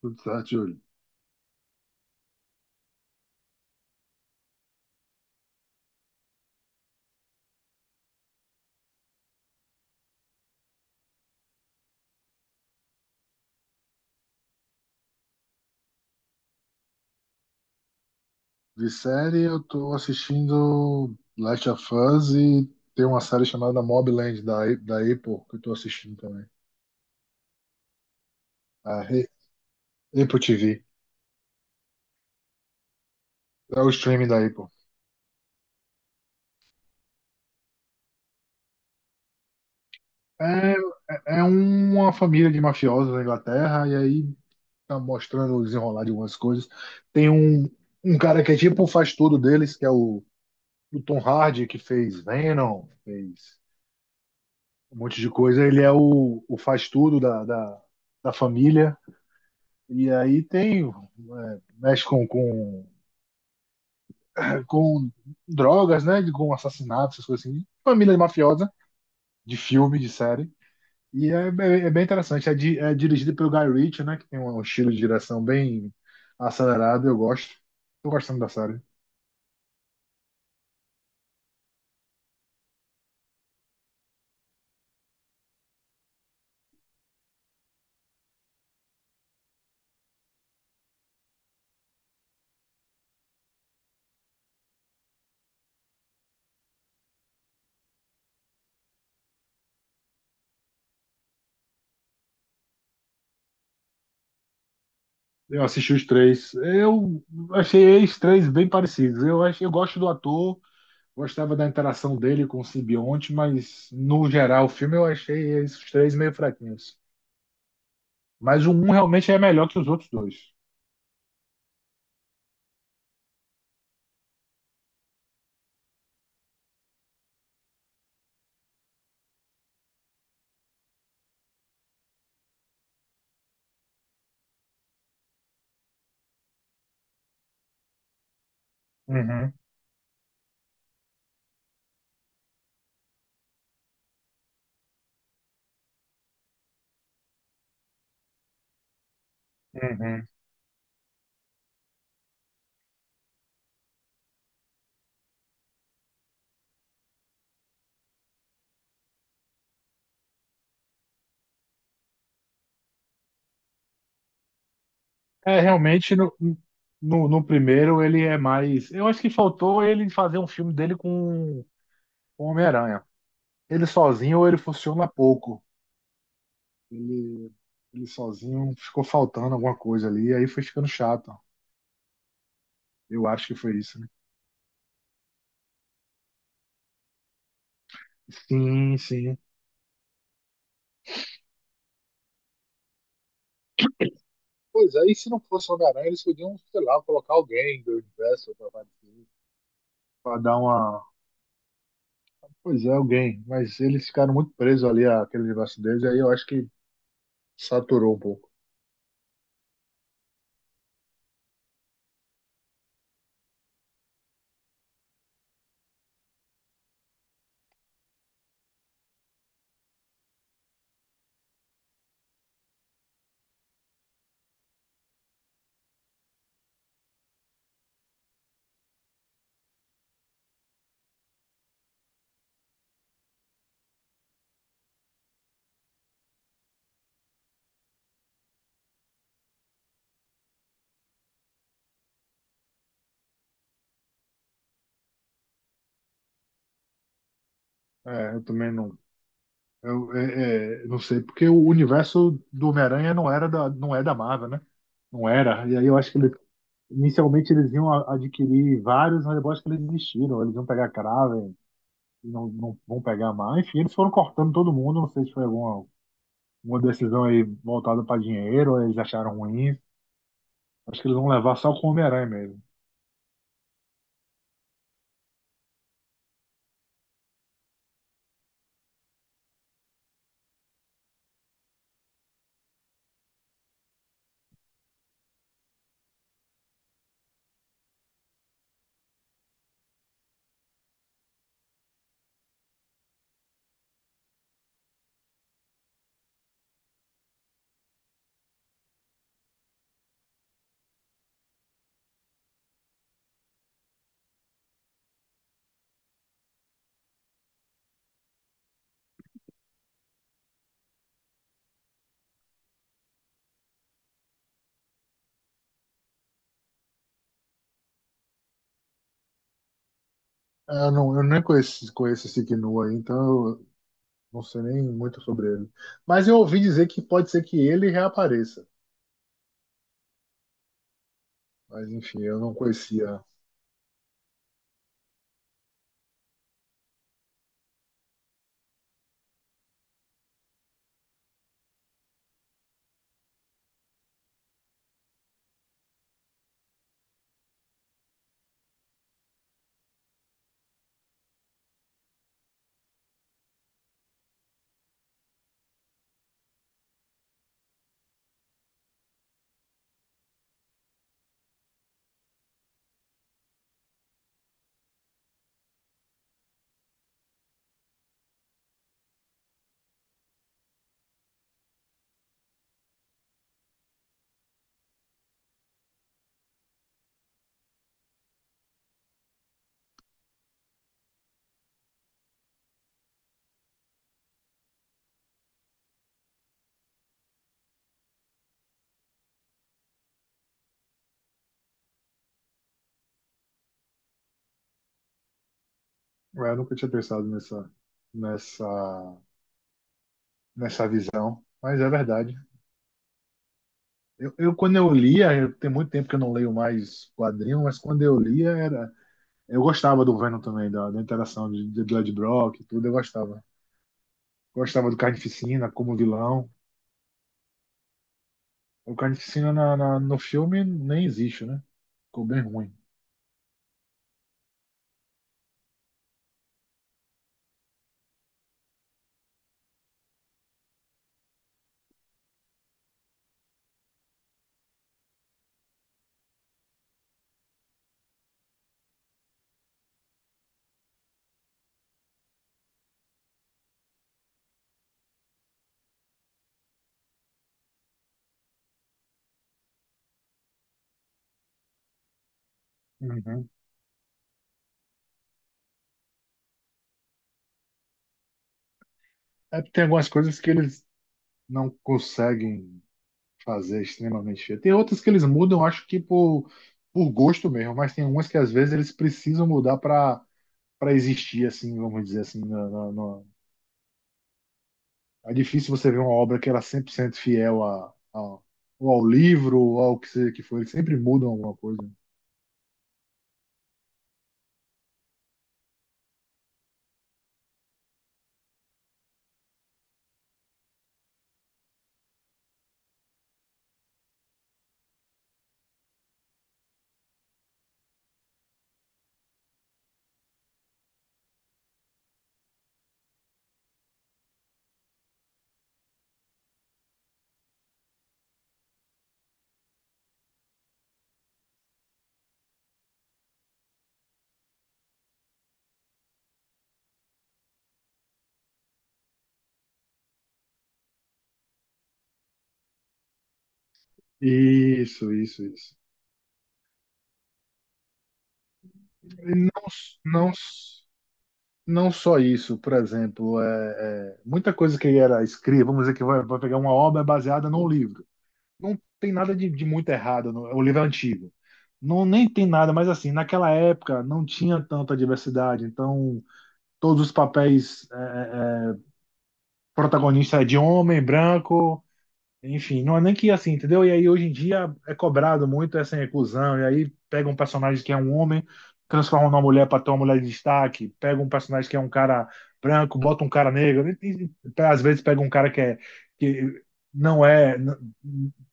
Tudo certo, Júlio. De série, eu tô assistindo Last of Us e tem uma série chamada Mobland da Apple que eu tô assistindo também. A Re- Apple TV. É o streaming da Apple. É, é uma família de mafiosos na Inglaterra e aí tá mostrando o desenrolar de algumas coisas. Tem um cara que é tipo o faz tudo deles, que é o Tom Hardy, que fez Venom, fez um monte de coisa. Ele é o faz tudo da família. E aí tem, é, mexe com drogas, né? Com assassinatos, essas coisas assim. Família mafiosa, de filme, de série. E é, é bem interessante. É, é dirigido pelo Guy Ritchie, né? Que tem um estilo de direção bem acelerado. Eu gosto. Tô gostando da série. Eu assisti os três. Eu achei os três bem parecidos. Eu gosto do ator, gostava da interação dele com o simbionte, mas no geral o filme eu achei esses três meio fraquinhos. Mas o um realmente é melhor que os outros dois. Uhum, uhum. É, realmente no primeiro ele é mais. Eu acho que faltou ele fazer um filme dele com o Homem-Aranha. Ele sozinho ele funciona pouco. Ele, ele sozinho ficou faltando alguma coisa ali, aí foi ficando chato. Eu acho que foi isso, né? Sim, sim. Pois aí, se não fosse o Homem-Aranha, eles podiam, sei lá, colocar alguém do universo para dar uma. Pois é, alguém. Mas eles ficaram muito presos ali àquele universo deles, e aí eu acho que saturou um pouco. É, eu também não. Não sei, porque o universo do Homem-Aranha não era da, não é da Marvel, né? Não era. E aí eu acho que ele, inicialmente eles iam adquirir vários, mas eu acho que eles desistiram. Eles iam pegar Kraven, e não, não vão pegar mais. Enfim, eles foram cortando todo mundo. Não sei se foi uma decisão aí voltada para dinheiro, ou eles acharam ruim. Acho que eles vão levar só com o Homem-Aranha mesmo. Ah, eu, não, eu nem conheço esse Kinu aí, então eu não sei nem muito sobre ele. Mas eu ouvi dizer que pode ser que ele reapareça. Mas enfim, eu não conhecia. Eu nunca tinha pensado nessa, nessa visão. Mas é verdade. Eu quando eu lia, tem muito tempo que eu não leio mais quadrinho, mas quando eu lia era. Eu gostava do Venom também, da, da interação de Blood Brock e tudo, eu gostava. Gostava do Carnificina como vilão. O Carnificina no filme nem existe, né? Ficou bem ruim. Uhum. É, tem algumas coisas que eles não conseguem fazer extremamente feio. Tem outras que eles mudam, acho que por gosto mesmo, mas tem umas que às vezes eles precisam mudar para existir, assim, vamos dizer assim. É difícil você ver uma obra que ela é 100% fiel a, a- ou ao livro ou ao que, que for. Eles sempre mudam alguma coisa. Isso, isso, isso. E não não só isso, por exemplo, muita coisa que era escrita, vamos dizer que vai pegar uma obra baseada num livro. Não tem nada de muito errado, o livro é antigo. Não, nem tem nada, mas assim, naquela época não tinha tanta diversidade, então todos os papéis protagonistas é de homem branco, enfim, não é nem que assim, entendeu? E aí hoje em dia é cobrado muito essa inclusão, e aí pega um personagem que é um homem, transforma numa mulher para ter uma mulher de destaque, pega um personagem que é um cara branco, bota um cara negro, às vezes pega um cara que é que não é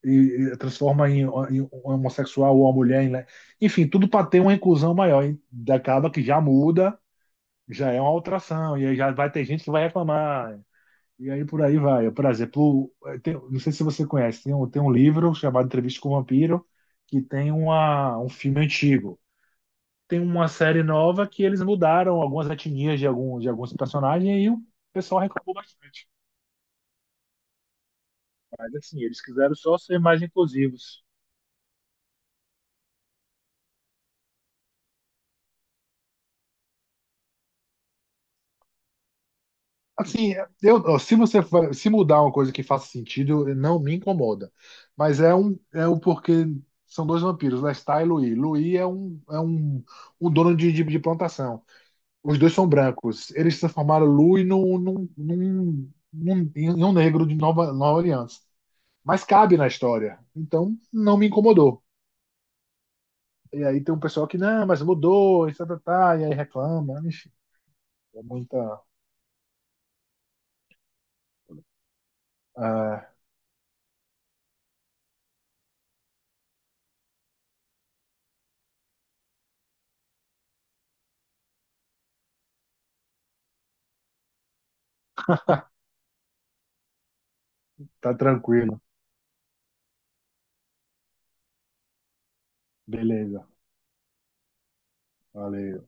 e, transforma em um homossexual ou uma mulher, enfim, tudo para ter uma inclusão maior, e acaba que já muda, já é uma alteração, e aí já vai ter gente que vai reclamar. E aí por aí vai. Por exemplo, não sei se você conhece, tem um livro chamado Entrevista com o Vampiro, que tem um filme antigo. Tem uma série nova que eles mudaram algumas etnias de alguns personagens e o pessoal reclamou bastante. Mas assim, eles quiseram só ser mais inclusivos. Assim, se você se mudar uma coisa que faça sentido, não me incomoda. Mas é o porque são dois vampiros, Lestat e Louis. Louis é um dono de, de plantação. Os dois são brancos. Eles transformaram Louis em um negro de Nova Orleans. Mas cabe na história. Então, não me incomodou. E aí tem um pessoal que, não, mas mudou, e, tá, tá, tá", e aí reclama. Enfim, é muita. Ah, tá tranquilo. Beleza. Valeu.